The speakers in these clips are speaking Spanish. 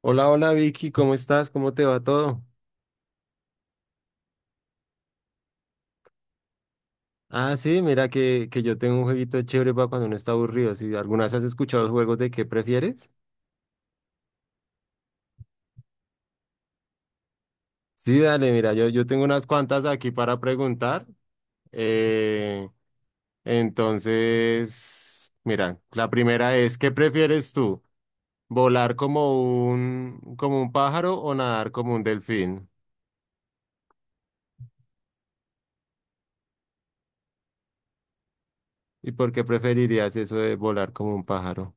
Hola, hola Vicky, ¿cómo estás? ¿Cómo te va todo? Ah, sí, mira que yo tengo un jueguito chévere para cuando uno está aburrido. Si alguna vez has escuchado los juegos de qué prefieres. Sí, dale, mira, yo tengo unas cuantas aquí para preguntar. Eh, entonces, mira, la primera es, ¿qué prefieres tú? ¿Volar como un pájaro o nadar como un delfín? ¿Y por qué preferirías eso de volar como un pájaro?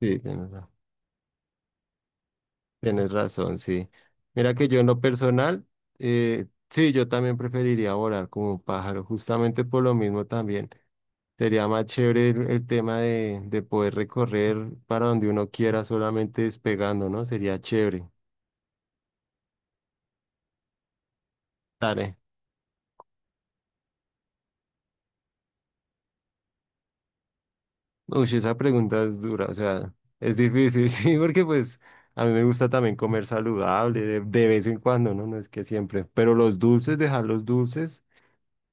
Sí, tienes razón. Tienes razón, sí. Mira que yo en lo personal, sí, yo también preferiría volar como un pájaro, justamente por lo mismo también. Sería más chévere el tema de poder recorrer para donde uno quiera solamente despegando, ¿no? Sería chévere. Dale. Uy, esa pregunta es dura, o sea, es difícil, sí, porque pues a mí me gusta también comer saludable de vez en cuando, ¿no? No es que siempre, pero los dulces, dejar los dulces.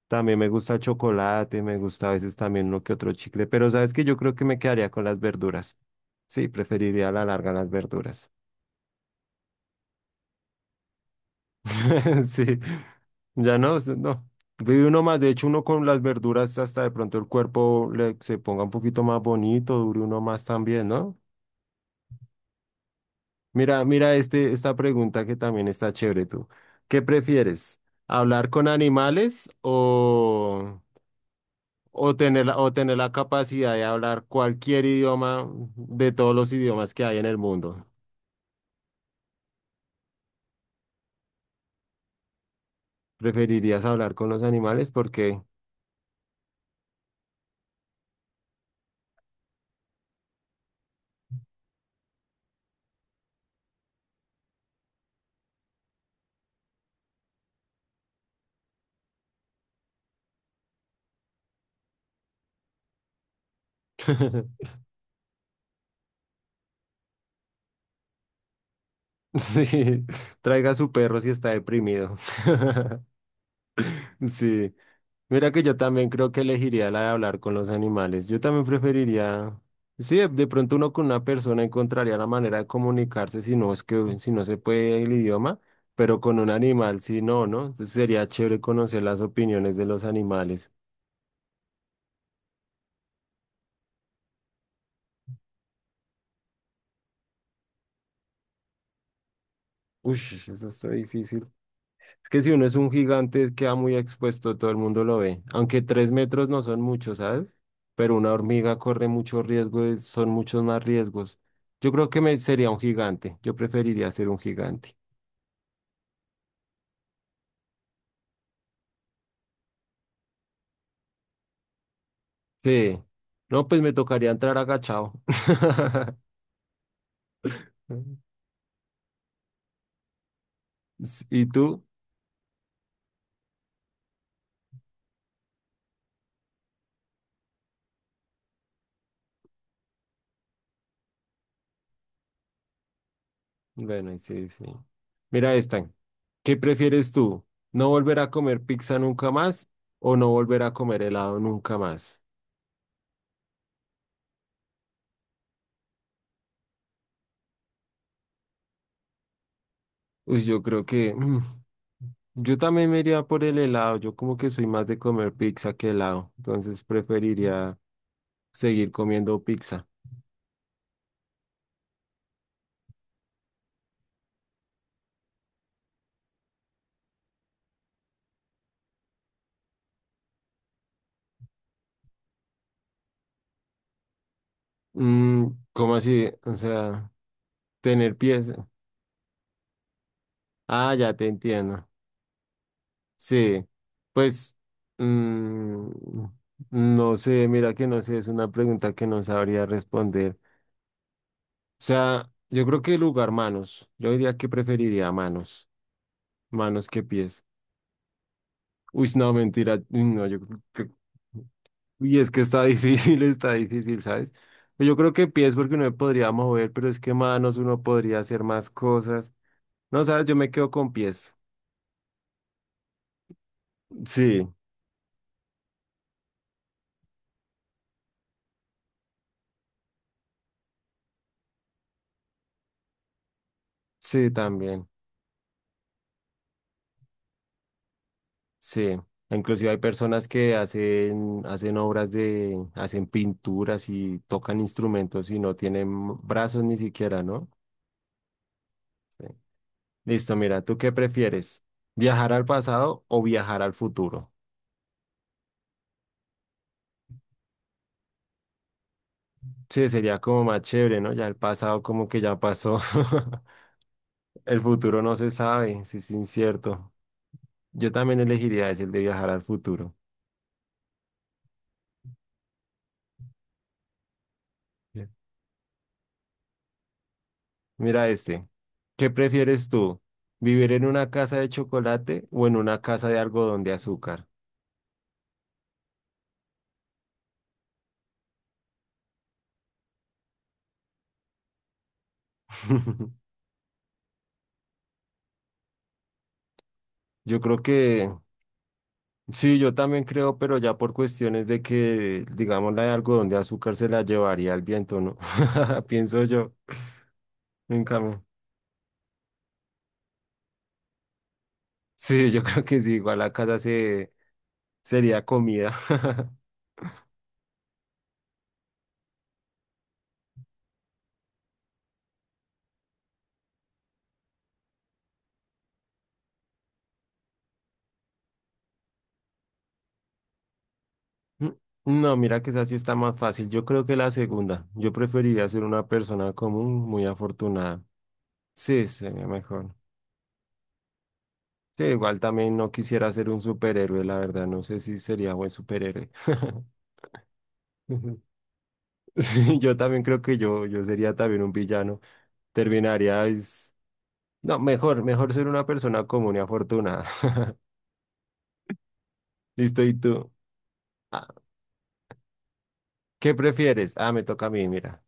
También me gusta el chocolate, me gusta a veces también uno que otro chicle, pero sabes que yo creo que me quedaría con las verduras. Sí, preferiría a la larga las verduras. Sí, ya no, no. Vive uno más, de hecho uno con las verduras hasta de pronto el cuerpo se ponga un poquito más bonito, dure uno más también, ¿no? Mira, mira esta pregunta que también está chévere tú. ¿Qué prefieres? ¿Hablar con animales o... O tener la capacidad de hablar cualquier idioma de todos los idiomas que hay en el mundo. ¿Preferirías hablar con los animales? Porque sí, traiga a su perro si está deprimido. Sí, mira que yo también creo que elegiría la de hablar con los animales. Yo también preferiría, sí, de pronto uno con una persona encontraría la manera de comunicarse si no es que si no se puede el idioma, pero con un animal sí no, ¿no? Entonces sería chévere conocer las opiniones de los animales. Uy, eso está difícil. Es que si uno es un gigante, queda muy expuesto, todo el mundo lo ve. Aunque 3 metros no son muchos, ¿sabes? Pero una hormiga corre mucho riesgo, son muchos más riesgos. Yo creo que me sería un gigante. Yo preferiría ser un gigante. Sí. No, pues me tocaría entrar agachado. ¿Y tú? Bueno, y sí, sí. Mira esta. ¿Qué prefieres tú? ¿No volver a comer pizza nunca más o no volver a comer helado nunca más? Uy, yo creo que yo también me iría por el helado. Yo como que soy más de comer pizza que helado, entonces preferiría seguir comiendo pizza. Mm, ¿cómo así? O sea, tener pies. Ah, ya te entiendo. Sí, pues mm, no sé, mira que no sé, es una pregunta que no sabría responder. O sea, yo creo que el lugar manos, yo diría que preferiría manos, manos que pies. Uy, no, mentira, uy, no, yo creo que... Y es que está difícil, está difícil, ¿sabes? Pues yo creo que pies porque uno me podría mover, pero es que manos uno podría hacer más cosas. No, ¿sabes? Yo me quedo con pies. Sí, sí, también. Sí, inclusive hay personas que hacen obras hacen pinturas y tocan instrumentos y no tienen brazos ni siquiera, ¿no? Sí. Listo, mira, ¿tú qué prefieres? ¿Viajar al pasado o viajar al futuro? Sí, sería como más chévere, ¿no? Ya el pasado como que ya pasó. El futuro no se sabe, sí sí, es incierto. Yo también elegiría ese, el de viajar al futuro. Bien. Mira este, ¿qué prefieres tú? ¿Vivir en una casa de chocolate o en una casa de algodón de azúcar? Yo creo que sí, yo también creo, pero ya por cuestiones de que, digamos, la de algodón de azúcar se la llevaría el viento, ¿no? Pienso yo, en cambio. Sí, yo creo que sí, igual la casa sería comida. Mm, No, mira que esa sí está más fácil. Yo creo que la segunda. Yo preferiría ser una persona común, muy afortunada. Sí, sería mejor. Sí, igual también no quisiera ser un superhéroe, la verdad. No sé si sería buen superhéroe. Sí, yo también creo que yo sería también un villano. Terminaría, es... no, mejor, mejor ser una persona común y afortunada. Listo, ¿y tú? Ah, ¿qué prefieres? Ah, me toca a mí, mira.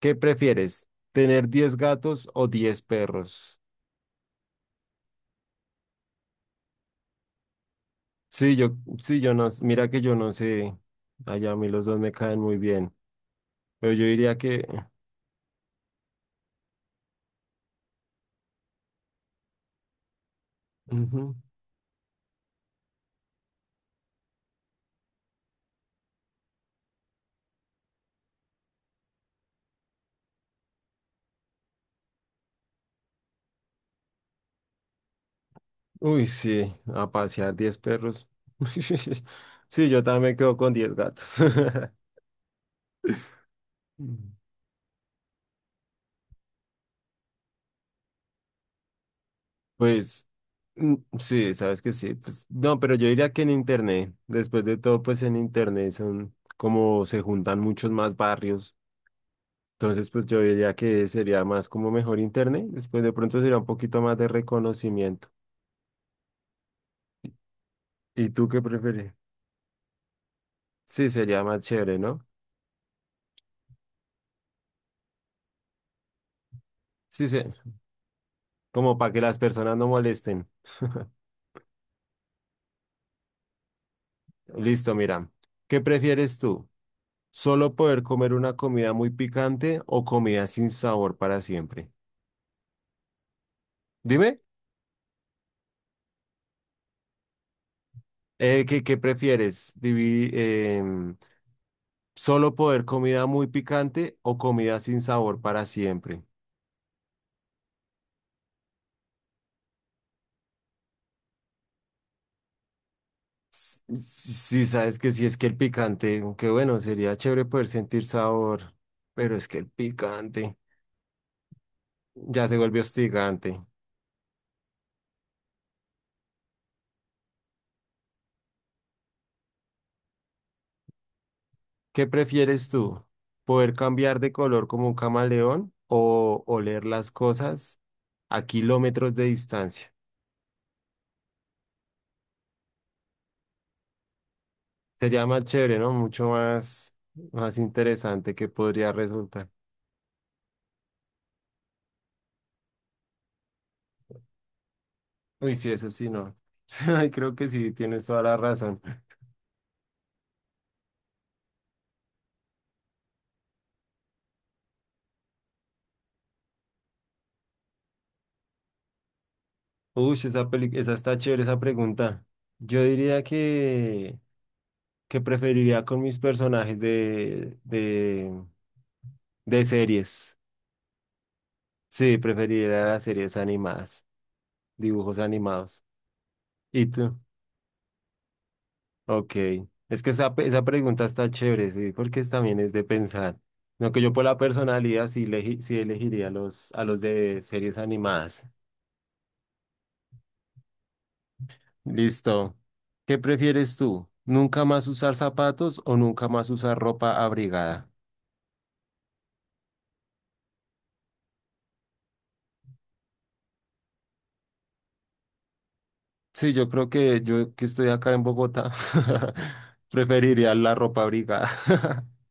¿Qué prefieres? ¿Tener 10 gatos o 10 perros? Sí, yo, sí, yo no, mira que yo no sé. Allá a mí los dos me caen muy bien. Pero yo diría que... ujú. Uy, sí, a pasear 10 perros. Sí, yo también quedo con 10 gatos. Pues sí, sabes que sí. Pues, no, pero yo diría que en Internet, después de todo, pues en Internet son como se juntan muchos más barrios. Entonces, pues yo diría que sería más como mejor Internet. Después de pronto sería un poquito más de reconocimiento. ¿Y tú qué prefieres? Sí, sería más chévere, ¿no? Sí, sí, como para que las personas no molesten. Listo, mira. ¿Qué prefieres tú? ¿Solo poder comer una comida muy picante o comida sin sabor para siempre? Dime. ¿Qué prefieres? Em, ¿Solo poder comida muy picante o comida sin sabor para siempre? Sí, sabes que si es que el picante, aunque bueno, sería chévere poder sentir sabor, pero es que el picante ya se vuelve hostigante. ¿Qué prefieres tú? ¿Poder cambiar de color como un camaleón o oler las cosas a kilómetros de distancia? Sería más chévere, ¿no? Mucho más, más interesante que podría resultar. Uy, sí, eso sí, no. Ay, creo que sí, tienes toda la razón. Uy, esa esa está chévere, esa pregunta. Yo diría que preferiría con mis personajes de series. Sí, preferiría las series animadas, dibujos animados. ¿Y tú? Ok. Es que esa, esa pregunta está chévere, sí, porque también es de pensar. No que yo por la personalidad sí, sí elegiría a los de series animadas. Listo. ¿Qué prefieres tú? ¿Nunca más usar zapatos o nunca más usar ropa abrigada? Sí, yo creo que yo que estoy acá en Bogotá preferiría la ropa abrigada.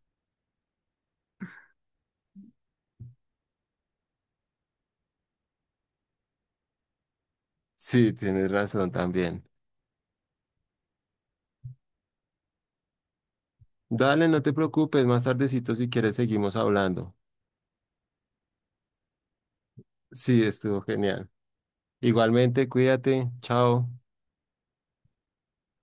Sí, tienes razón también. Dale, no te preocupes, más tardecito si quieres seguimos hablando. Sí, estuvo genial. Igualmente, cuídate. Chao.